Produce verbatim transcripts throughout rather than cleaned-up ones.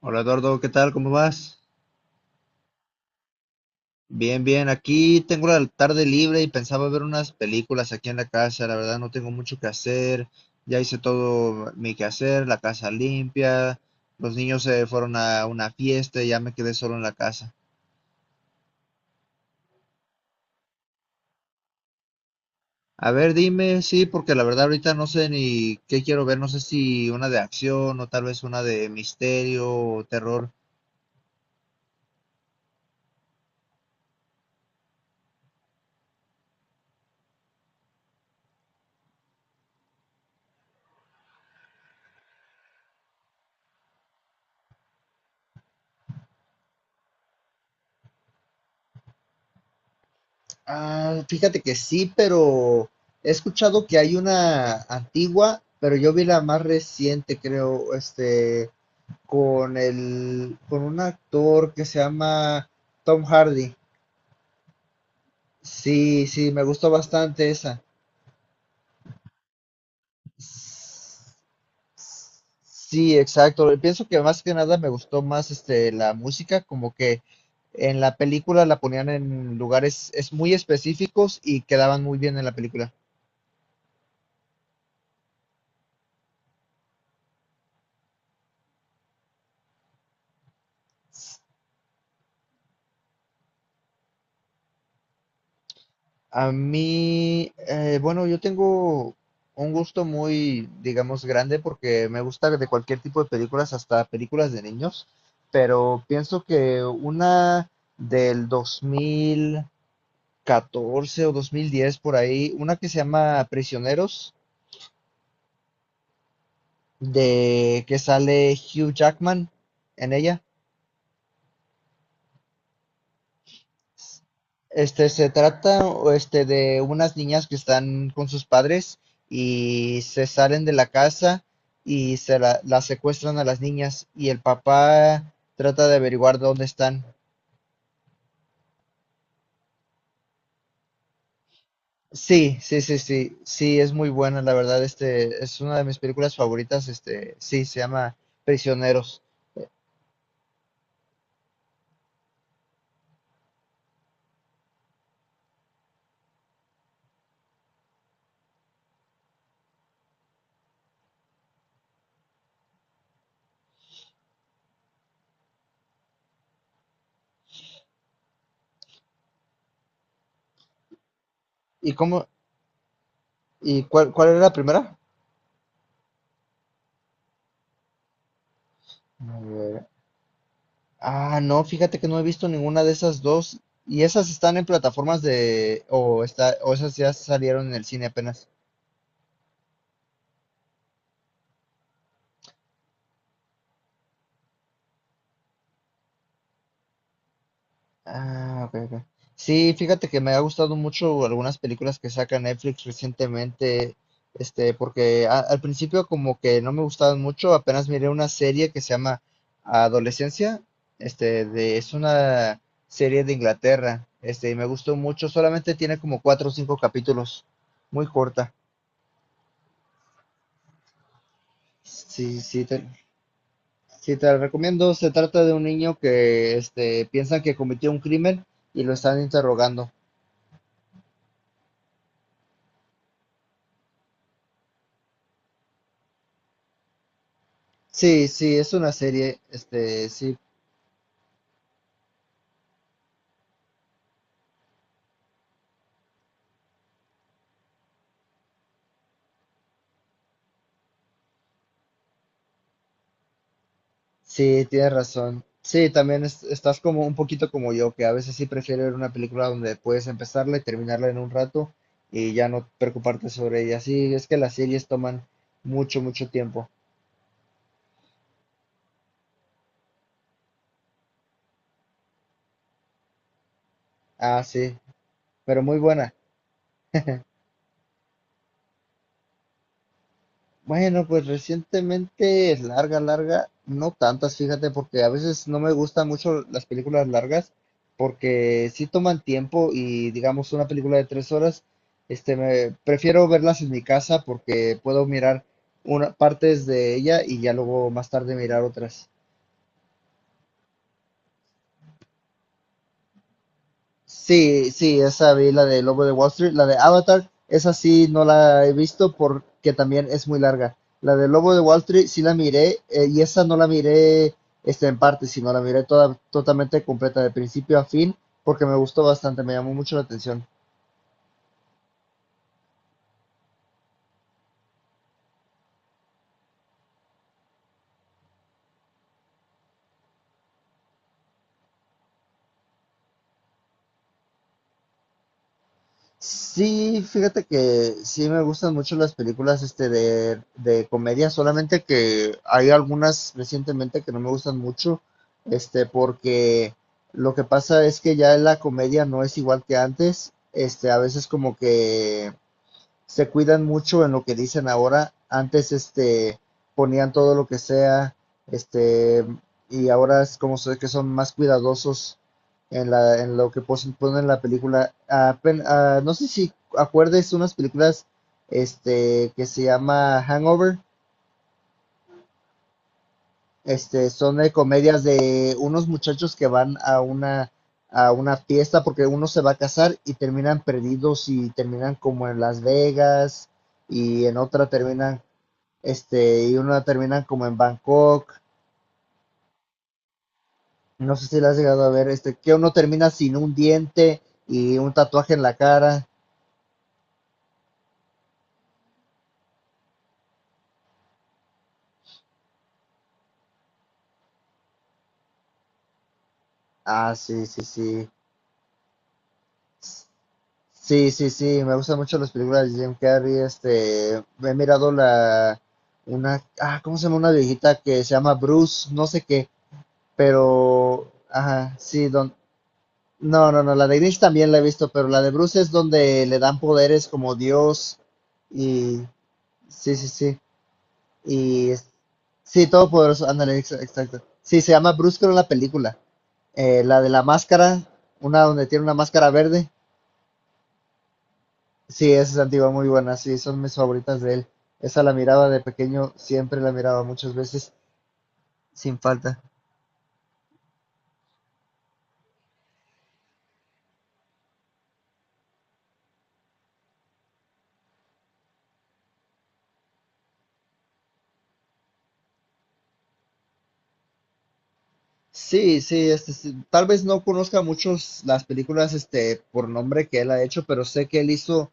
Hola Eduardo, ¿qué tal? ¿Cómo vas? Bien, bien. Aquí tengo la tarde libre y pensaba ver unas películas aquí en la casa. La verdad no tengo mucho que hacer. Ya hice todo mi quehacer, la casa limpia. Los niños se fueron a una fiesta y ya me quedé solo en la casa. A ver, dime, sí, porque la verdad ahorita no sé ni qué quiero ver. No sé si una de acción o tal vez una de misterio o terror. Ah, fíjate que sí, pero he escuchado que hay una antigua, pero yo vi la más reciente, creo, este, con el, con un actor que se llama Tom Hardy. Sí, sí, me gustó bastante esa. Sí, exacto. Pienso que más que nada me gustó más este la música, como que en la película la ponían en lugares es muy específicos y quedaban muy bien en la película. A mí, eh, bueno, yo tengo un gusto muy, digamos, grande porque me gusta de cualquier tipo de películas, hasta películas de niños, pero pienso que una del dos mil catorce o dos mil diez por ahí, una que se llama Prisioneros, de que sale Hugh Jackman en ella. Este, se trata, o este, de unas niñas que están con sus padres y se salen de la casa y se la, las secuestran a las niñas y el papá trata de averiguar dónde están. Sí, sí, sí, sí, sí, es muy buena, la verdad, este, es una de mis películas favoritas, este, sí, se llama Prisioneros. ¿Y cómo, y cuál, cuál era la primera? A ver, ah, no, fíjate que no he visto ninguna de esas dos. ¿Y esas están en plataformas de... o está, o esas ya salieron en el cine apenas? Ah, ok, ok. Sí, fíjate que me ha gustado mucho algunas películas que saca Netflix recientemente, este, porque a- al principio como que no me gustaban mucho, apenas miré una serie que se llama Adolescencia, este, de, es una serie de Inglaterra, este, y me gustó mucho, solamente tiene como cuatro o cinco capítulos, muy corta. Sí, sí, te- Sí, te la recomiendo. Se trata de un niño que este, piensan que cometió un crimen y lo están interrogando. Sí, sí, es una serie. Este, sí, sí, tienes razón. Sí, también es- estás como un poquito como yo, que a veces sí prefiero ver una película donde puedes empezarla y terminarla en un rato y ya no preocuparte sobre ella. Sí, es que las series toman mucho, mucho tiempo. Ah, sí, pero muy buena. Bueno, pues recientemente es larga, larga, no tantas, fíjate, porque a veces no me gustan mucho las películas largas, porque sí toman tiempo y digamos una película de tres horas, este, me prefiero verlas en mi casa porque puedo mirar una, partes de ella y ya luego más tarde mirar otras. Sí, sí, esa vi la de Lobo de Wall Street, la de Avatar, esa sí no la he visto porque también es muy larga. La de Lobo de Wall Street sí la miré eh, y esa no la miré este, en parte, sino la miré toda, totalmente completa, de principio a fin, porque me gustó bastante, me llamó mucho la atención. Sí, fíjate que sí me gustan mucho las películas este de, de comedia, solamente que hay algunas recientemente que no me gustan mucho, este, porque lo que pasa es que ya la comedia no es igual que antes, este, a veces como que se cuidan mucho en lo que dicen ahora. Antes este ponían todo lo que sea, este, y ahora es como se que son más cuidadosos en la en lo que pos- ponen en la película. Apen- ah, no sé si acuerdes unas películas este que se llama Hangover, este son de comedias de unos muchachos que van a una a una fiesta porque uno se va a casar y terminan perdidos y terminan como en Las Vegas y en otra terminan este, y uno termina como en Bangkok, no sé si la has llegado a ver, este, que uno termina sin un diente y un tatuaje en la cara. Ah, sí, sí, sí. Sí, sí, sí, me gustan mucho las películas de Jim Carrey, este, he mirado la, una, ah, ¿cómo se llama? Una viejita que se llama Bruce, no sé qué, pero, ajá, sí, don, no, no, no, la de Grinch también la he visto, pero la de Bruce es donde le dan poderes como Dios y, sí, sí, sí, y Sí, todopoderoso, ándale, ex- exacto. Sí, se llama Bruce en la película. Eh, la de la máscara, una donde tiene una máscara verde. Sí, esa es antigua, muy buena. Sí, son mis favoritas de él. Esa la miraba de pequeño, siempre la miraba muchas veces, sin falta. Sí, sí, este, sí, tal vez no conozca muchos las películas este por nombre que él ha hecho, pero sé que él hizo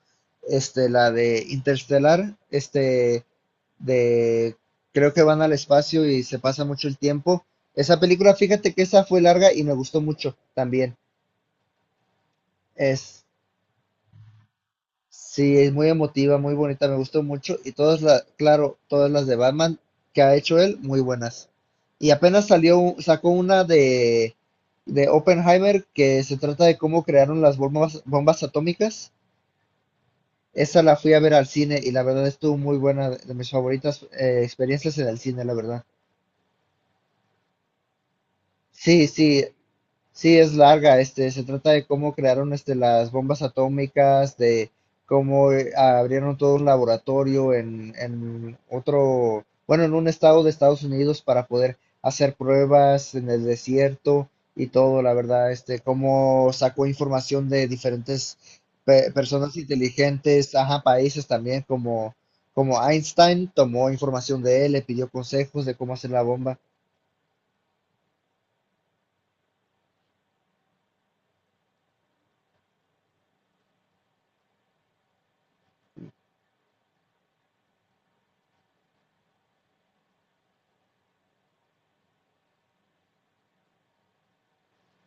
este la de Interstellar, este de creo que van al espacio y se pasa mucho el tiempo. Esa película, fíjate que esa fue larga y me gustó mucho también. Es Sí, es muy emotiva, muy bonita, me gustó mucho. Y todas las, claro, todas las de Batman que ha hecho él, muy buenas. Y apenas salió, un- sacó una de, de Oppenheimer que se trata de cómo crearon las bombas, bombas atómicas. Esa la fui a ver al cine y la verdad estuvo muy buena, de de mis favoritas eh, experiencias en el cine, la verdad. Sí, sí, Sí, es larga, este, se trata de cómo crearon este, las bombas atómicas, de cómo eh, abrieron todo un laboratorio en, en otro, bueno, en un estado de Estados Unidos para poder hacer pruebas en el desierto y todo, la verdad, este, cómo sacó información de diferentes pe- personas inteligentes, ajá, países también, como, como Einstein tomó información de él, le pidió consejos de cómo hacer la bomba,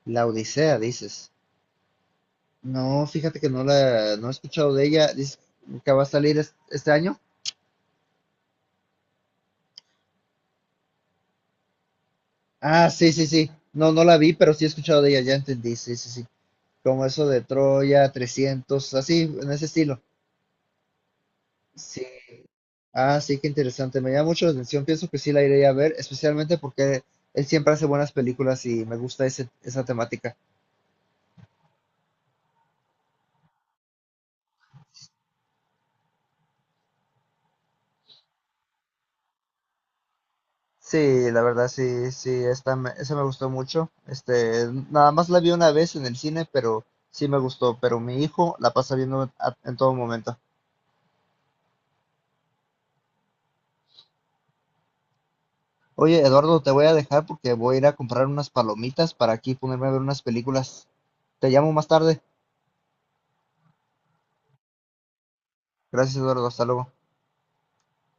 la Odisea, dices. No, fíjate que no la no he escuchado de ella. Dice que va a salir es- este año. Ah, sí, sí, sí. No, no la vi, pero sí he escuchado de ella, ya entendí. Sí, sí, sí. Como eso de Troya, trescientos, así, en ese estilo. Sí. Ah, sí, qué interesante. Me llama mucho la atención. Pienso que sí la iré a ver, especialmente porque él siempre hace buenas películas y me gusta ese, esa temática. Sí, la verdad sí, sí, esta me, esa me gustó mucho. Este, nada más la vi una vez en el cine, pero sí me gustó. Pero mi hijo la pasa viendo a- en todo momento. Oye, Eduardo, te voy a dejar porque voy a ir a comprar unas palomitas para aquí ponerme a ver unas películas. Te llamo más tarde. Gracias, Eduardo. Hasta luego.